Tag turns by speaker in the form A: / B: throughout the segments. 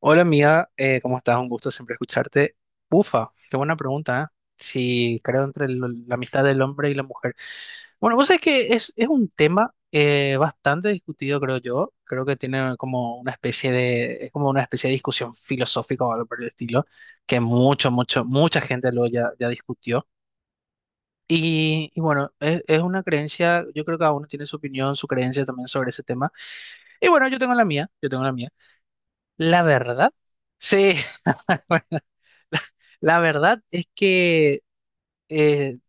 A: Hola amiga, ¿cómo estás? Un gusto siempre escucharte. Ufa, qué buena pregunta, ¿eh? Si creo entre la amistad del hombre y la mujer. Bueno, vos sabés que es un tema bastante discutido, creo yo. Creo que tiene como una especie de, es como una especie de discusión filosófica o algo por el estilo, que mucha gente lo ya discutió. Y bueno, es una creencia, yo creo que cada uno tiene su opinión, su creencia también sobre ese tema. Y bueno, yo tengo la mía, yo tengo la mía. La verdad, sí, bueno, la, la verdad es que eh,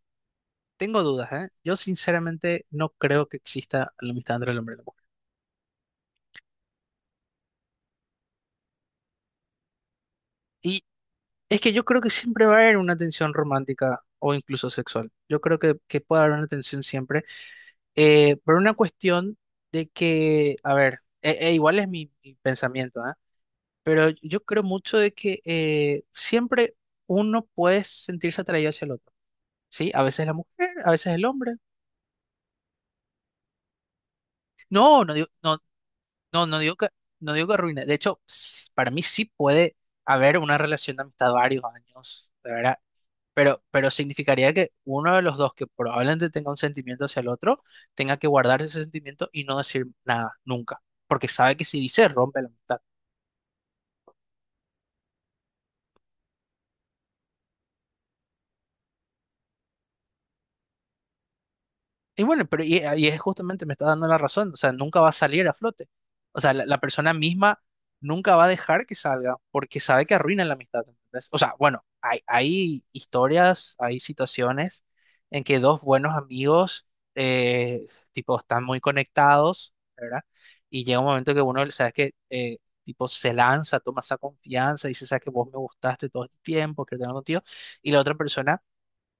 A: tengo dudas, ¿eh? Yo sinceramente no creo que exista la amistad entre el hombre y la mujer. Y es que yo creo que siempre va a haber una tensión romántica o incluso sexual. Yo creo que puede haber una tensión siempre, por una cuestión de que, a ver, e igual es mi pensamiento, ¿eh? Pero yo creo mucho de que siempre uno puede sentirse atraído hacia el otro, ¿sí? A veces la mujer, a veces el hombre. No, no digo, no, no, no digo que arruine. De hecho, para mí sí puede haber una relación de amistad varios años, de verdad. Pero significaría que uno de los dos que probablemente tenga un sentimiento hacia el otro, tenga que guardar ese sentimiento y no decir nada, nunca. Porque sabe que si dice, rompe la amistad. Y bueno, pero y es justamente, me está dando la razón, o sea, nunca va a salir a flote. O sea, la persona misma nunca va a dejar que salga porque sabe que arruina la amistad. ¿Entendés? O sea, bueno, hay historias, hay situaciones en que dos buenos amigos, eh, tipo, están muy conectados, ¿verdad? Y llega un momento que uno, sabes que, tipo, se lanza, toma esa confianza, dice, sabes que vos me gustaste todo el tiempo, quiero tener contigo, y la otra persona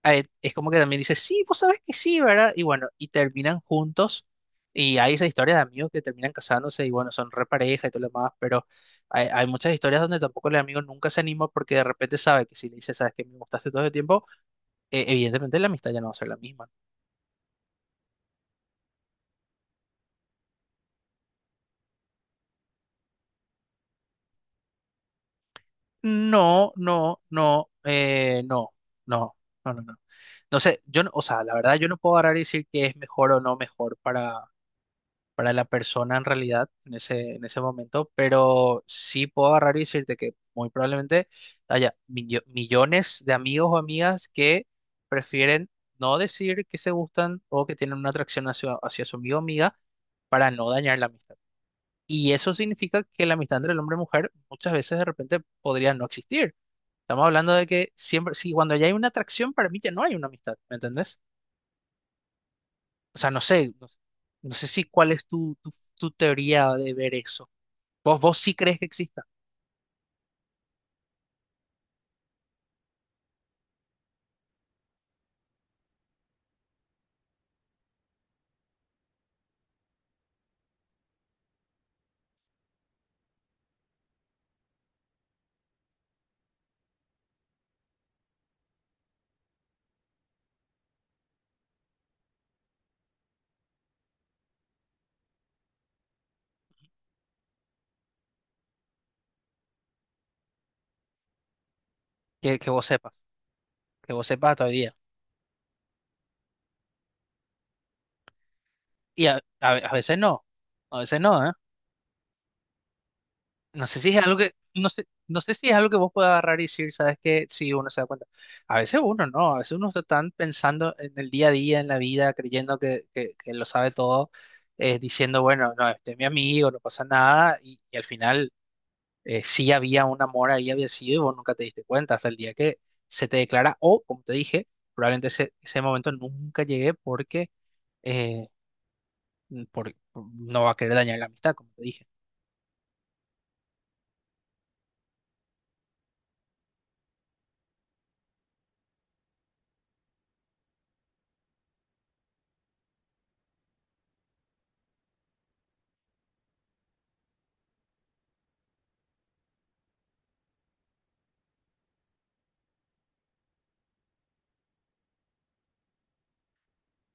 A: es como que también dice, sí, vos sabés que sí, ¿verdad? Y bueno, y terminan juntos. Y hay esa historia de amigos que terminan casándose y bueno, son repareja y todo lo demás, pero hay muchas historias donde tampoco el amigo nunca se anima porque de repente sabe que si le dice, sabes que me gustaste todo el tiempo, evidentemente la amistad ya no va a ser la misma. No, no, no, no, no, no, no, no. Entonces, yo, o sea, la verdad yo no puedo agarrar y decir que es mejor o no mejor para la persona en realidad en ese momento, pero sí puedo agarrar y decirte que muy probablemente haya millones de amigos o amigas que prefieren no decir que se gustan o que tienen una atracción hacia su amigo o amiga para no dañar la amistad. Y eso significa que la amistad entre el hombre y mujer muchas veces de repente podría no existir. Estamos hablando de que siempre, si cuando ya hay una atracción, para mí ya no hay una amistad, ¿me entendés? O sea, no sé, no, no sé si cuál es tu teoría de ver eso. Vos sí crees que exista, que vos sepas, que vos sepas todavía. Y a veces no, a veces no, ¿eh? No sé si es algo que, no sé, No sé si es algo que vos puedas agarrar y decir, ¿sabes qué? Si uno se da cuenta. A veces uno no, a veces uno está tan pensando en el día a día, en la vida, creyendo que lo sabe todo, diciendo, bueno, no, este es mi amigo, no pasa nada, y al final sí había un amor ahí, había sido, y vos nunca te diste cuenta hasta el día que se te declara, o, como te dije, probablemente ese momento nunca llegué porque eh, no va a querer dañar la amistad, como te dije.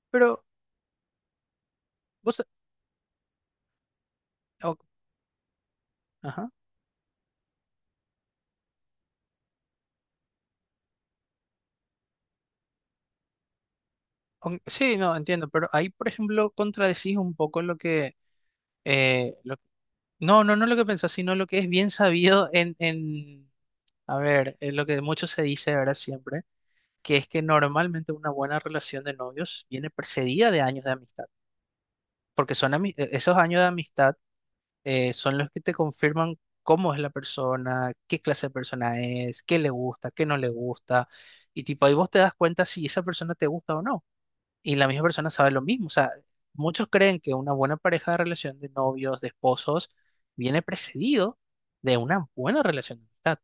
A: Pero vos, sa- o- ajá, sí, no, entiendo, pero ahí, por ejemplo, contradecís un poco lo que, eh, lo- no, no, no lo que pensás, sino lo que es bien sabido en, a ver, en lo que mucho se dice ahora siempre, que es que normalmente una buena relación de novios viene precedida de años de amistad, porque esos años de amistad son los que te confirman cómo es la persona, qué clase de persona es, qué le gusta, qué no le gusta, y tipo ahí vos te das cuenta si esa persona te gusta o no, y la misma persona sabe lo mismo, o sea, muchos creen que una buena pareja de relación de novios, de esposos, viene precedido de una buena relación de amistad,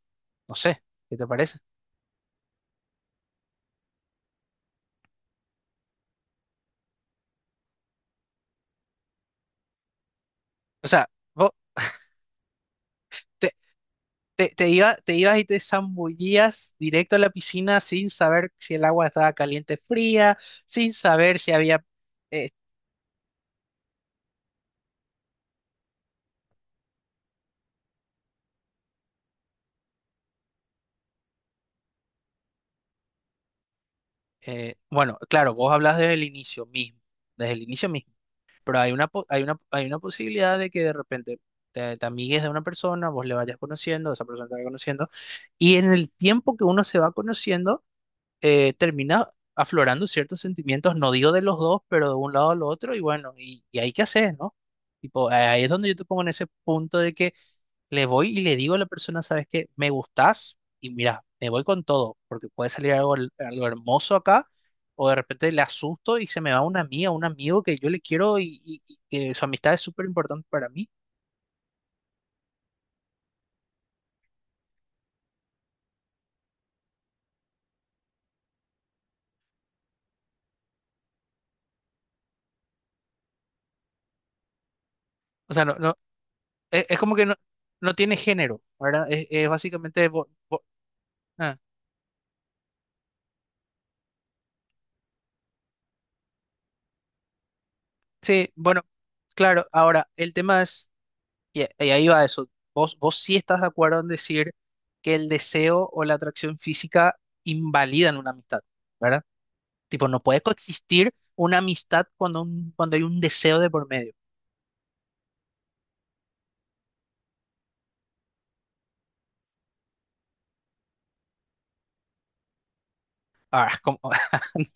A: no sé, ¿qué te parece? O sea, vos te, te ibas y te zambullías directo a la piscina sin saber si el agua estaba caliente, o fría, sin saber si había eh, bueno, claro, vos hablas desde el inicio mismo, desde el inicio mismo, pero hay una, po- hay una posibilidad de que de repente te amigues de una persona, vos le vayas conociendo, esa persona te vaya conociendo, y en el tiempo que uno se va conociendo, termina aflorando ciertos sentimientos, no digo de los dos, pero de un lado al otro, y bueno, y ahí qué haces, ¿no? Tipo, ahí es donde yo te pongo en ese punto de que le voy y le digo a la persona, ¿sabes qué? Me gustás y mira, me voy con todo, porque puede salir algo hermoso acá, o de repente le asusto y se me va una amiga, un amigo que yo le quiero y que su amistad es súper importante para mí. O sea, no, no, es como que no, no tiene género, ¿verdad? Es básicamente. Sí, bueno, claro, ahora el tema es, y ahí va eso, vos sí estás de acuerdo en decir que el deseo o la atracción física invalidan una amistad, ¿verdad? Tipo, no puede coexistir una amistad cuando hay un deseo de por medio. Ahora, ¿cómo?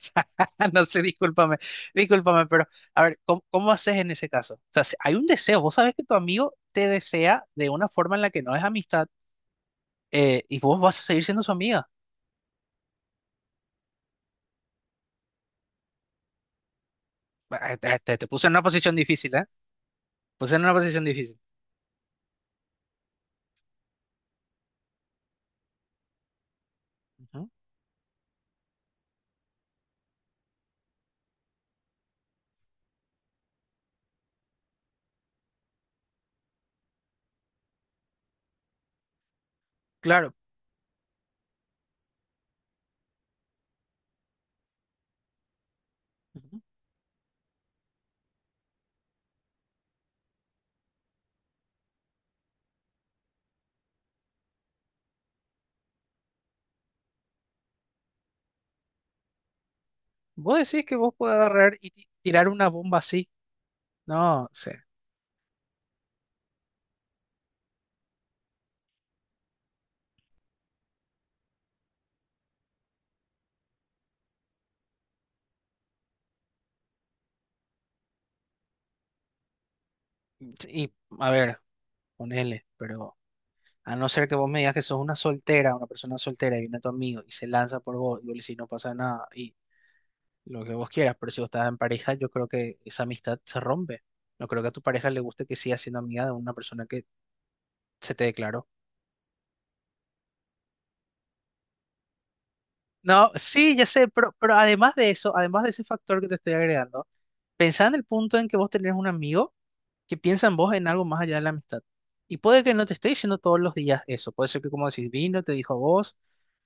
A: No sé, discúlpame, discúlpame, pero a ver, ¿cómo haces en ese caso? O sea, si hay un deseo, vos sabés que tu amigo te desea de una forma en la que no es amistad y vos vas a seguir siendo su amiga. Ah, te puse en una posición difícil, ¿eh? Pues en una posición difícil. Ujú. Claro. Ujú. Vos decís que vos podés agarrar y tirar una bomba así. No sé. Y a ver, ponele, pero a no ser que vos me digas que sos una soltera, una persona soltera y viene tu amigo y se lanza por vos y vos le decís no pasa nada y lo que vos quieras, pero si vos estás en pareja, yo creo que esa amistad se rompe. No creo que a tu pareja le guste que sigas siendo amiga de una persona que se te declaró. No, sí, ya sé, pero, además de eso, además de ese factor que te estoy agregando, pensá en el punto en que vos tenés un amigo que piensan vos en algo más allá de la amistad. Y puede que no te esté diciendo todos los días eso. Puede ser que, como decís, vino, te dijo a vos.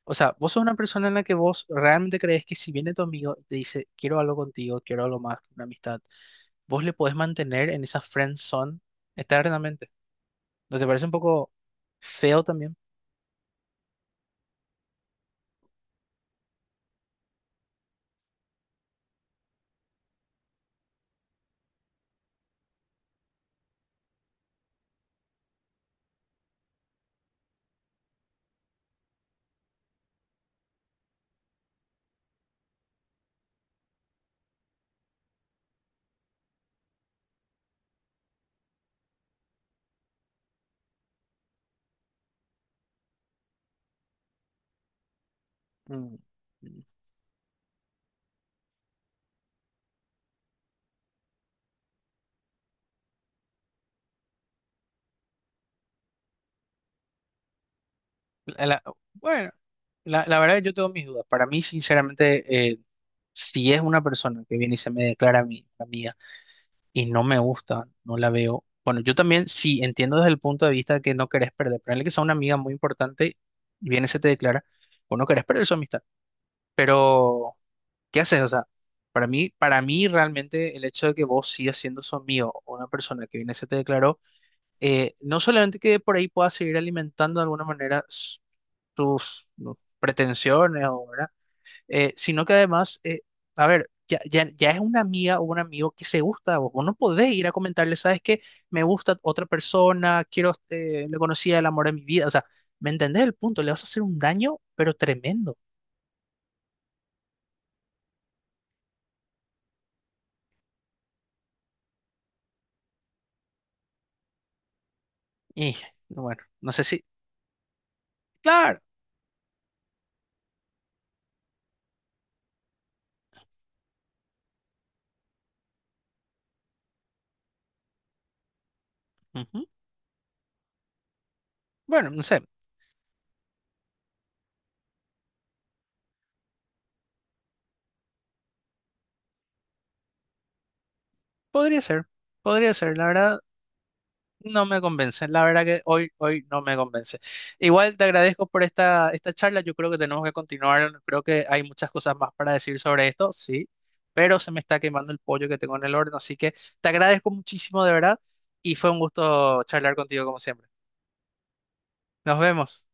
A: O sea, vos sos una persona en la que vos realmente crees que si viene tu amigo y te dice, quiero algo contigo, quiero algo más, una amistad, vos le podés mantener en esa friend zone eternamente. ¿No te parece un poco feo también? Mm. La- la- bueno, la verdad yo tengo mis dudas. Para mí, sinceramente, si es una persona que viene y se me declara a mí, amiga, y no me gusta, no la veo. Bueno, yo también sí entiendo desde el punto de vista de que no querés perder. Ponerle que sea una amiga muy importante y viene se te declara, o no querés perder su amistad. Pero, ¿qué haces? O sea, para mí realmente el hecho de que vos sigas siendo su amigo o una persona que viene se te declaró, no solamente que por ahí puedas seguir alimentando de alguna manera tus no, pretensiones o, ¿verdad? Sino que además, a ver, ya es una amiga o un amigo que se gusta, vos no podés ir a comentarle, sabes que me gusta otra persona, quiero, le conocía el amor de mi vida, o sea, ¿me entendés el punto? Le vas a hacer un daño, pero tremendo. Y bueno, no sé si, claro, ujú. Bueno, no sé, podría ser, podría ser, la verdad. No me convence, la verdad que hoy, hoy no me convence. Igual te agradezco por esta charla, yo creo que tenemos que continuar, creo que hay muchas cosas más para decir sobre esto, sí, pero se me está quemando el pollo que tengo en el horno, así que te agradezco muchísimo de verdad y fue un gusto charlar contigo como siempre. Nos vemos.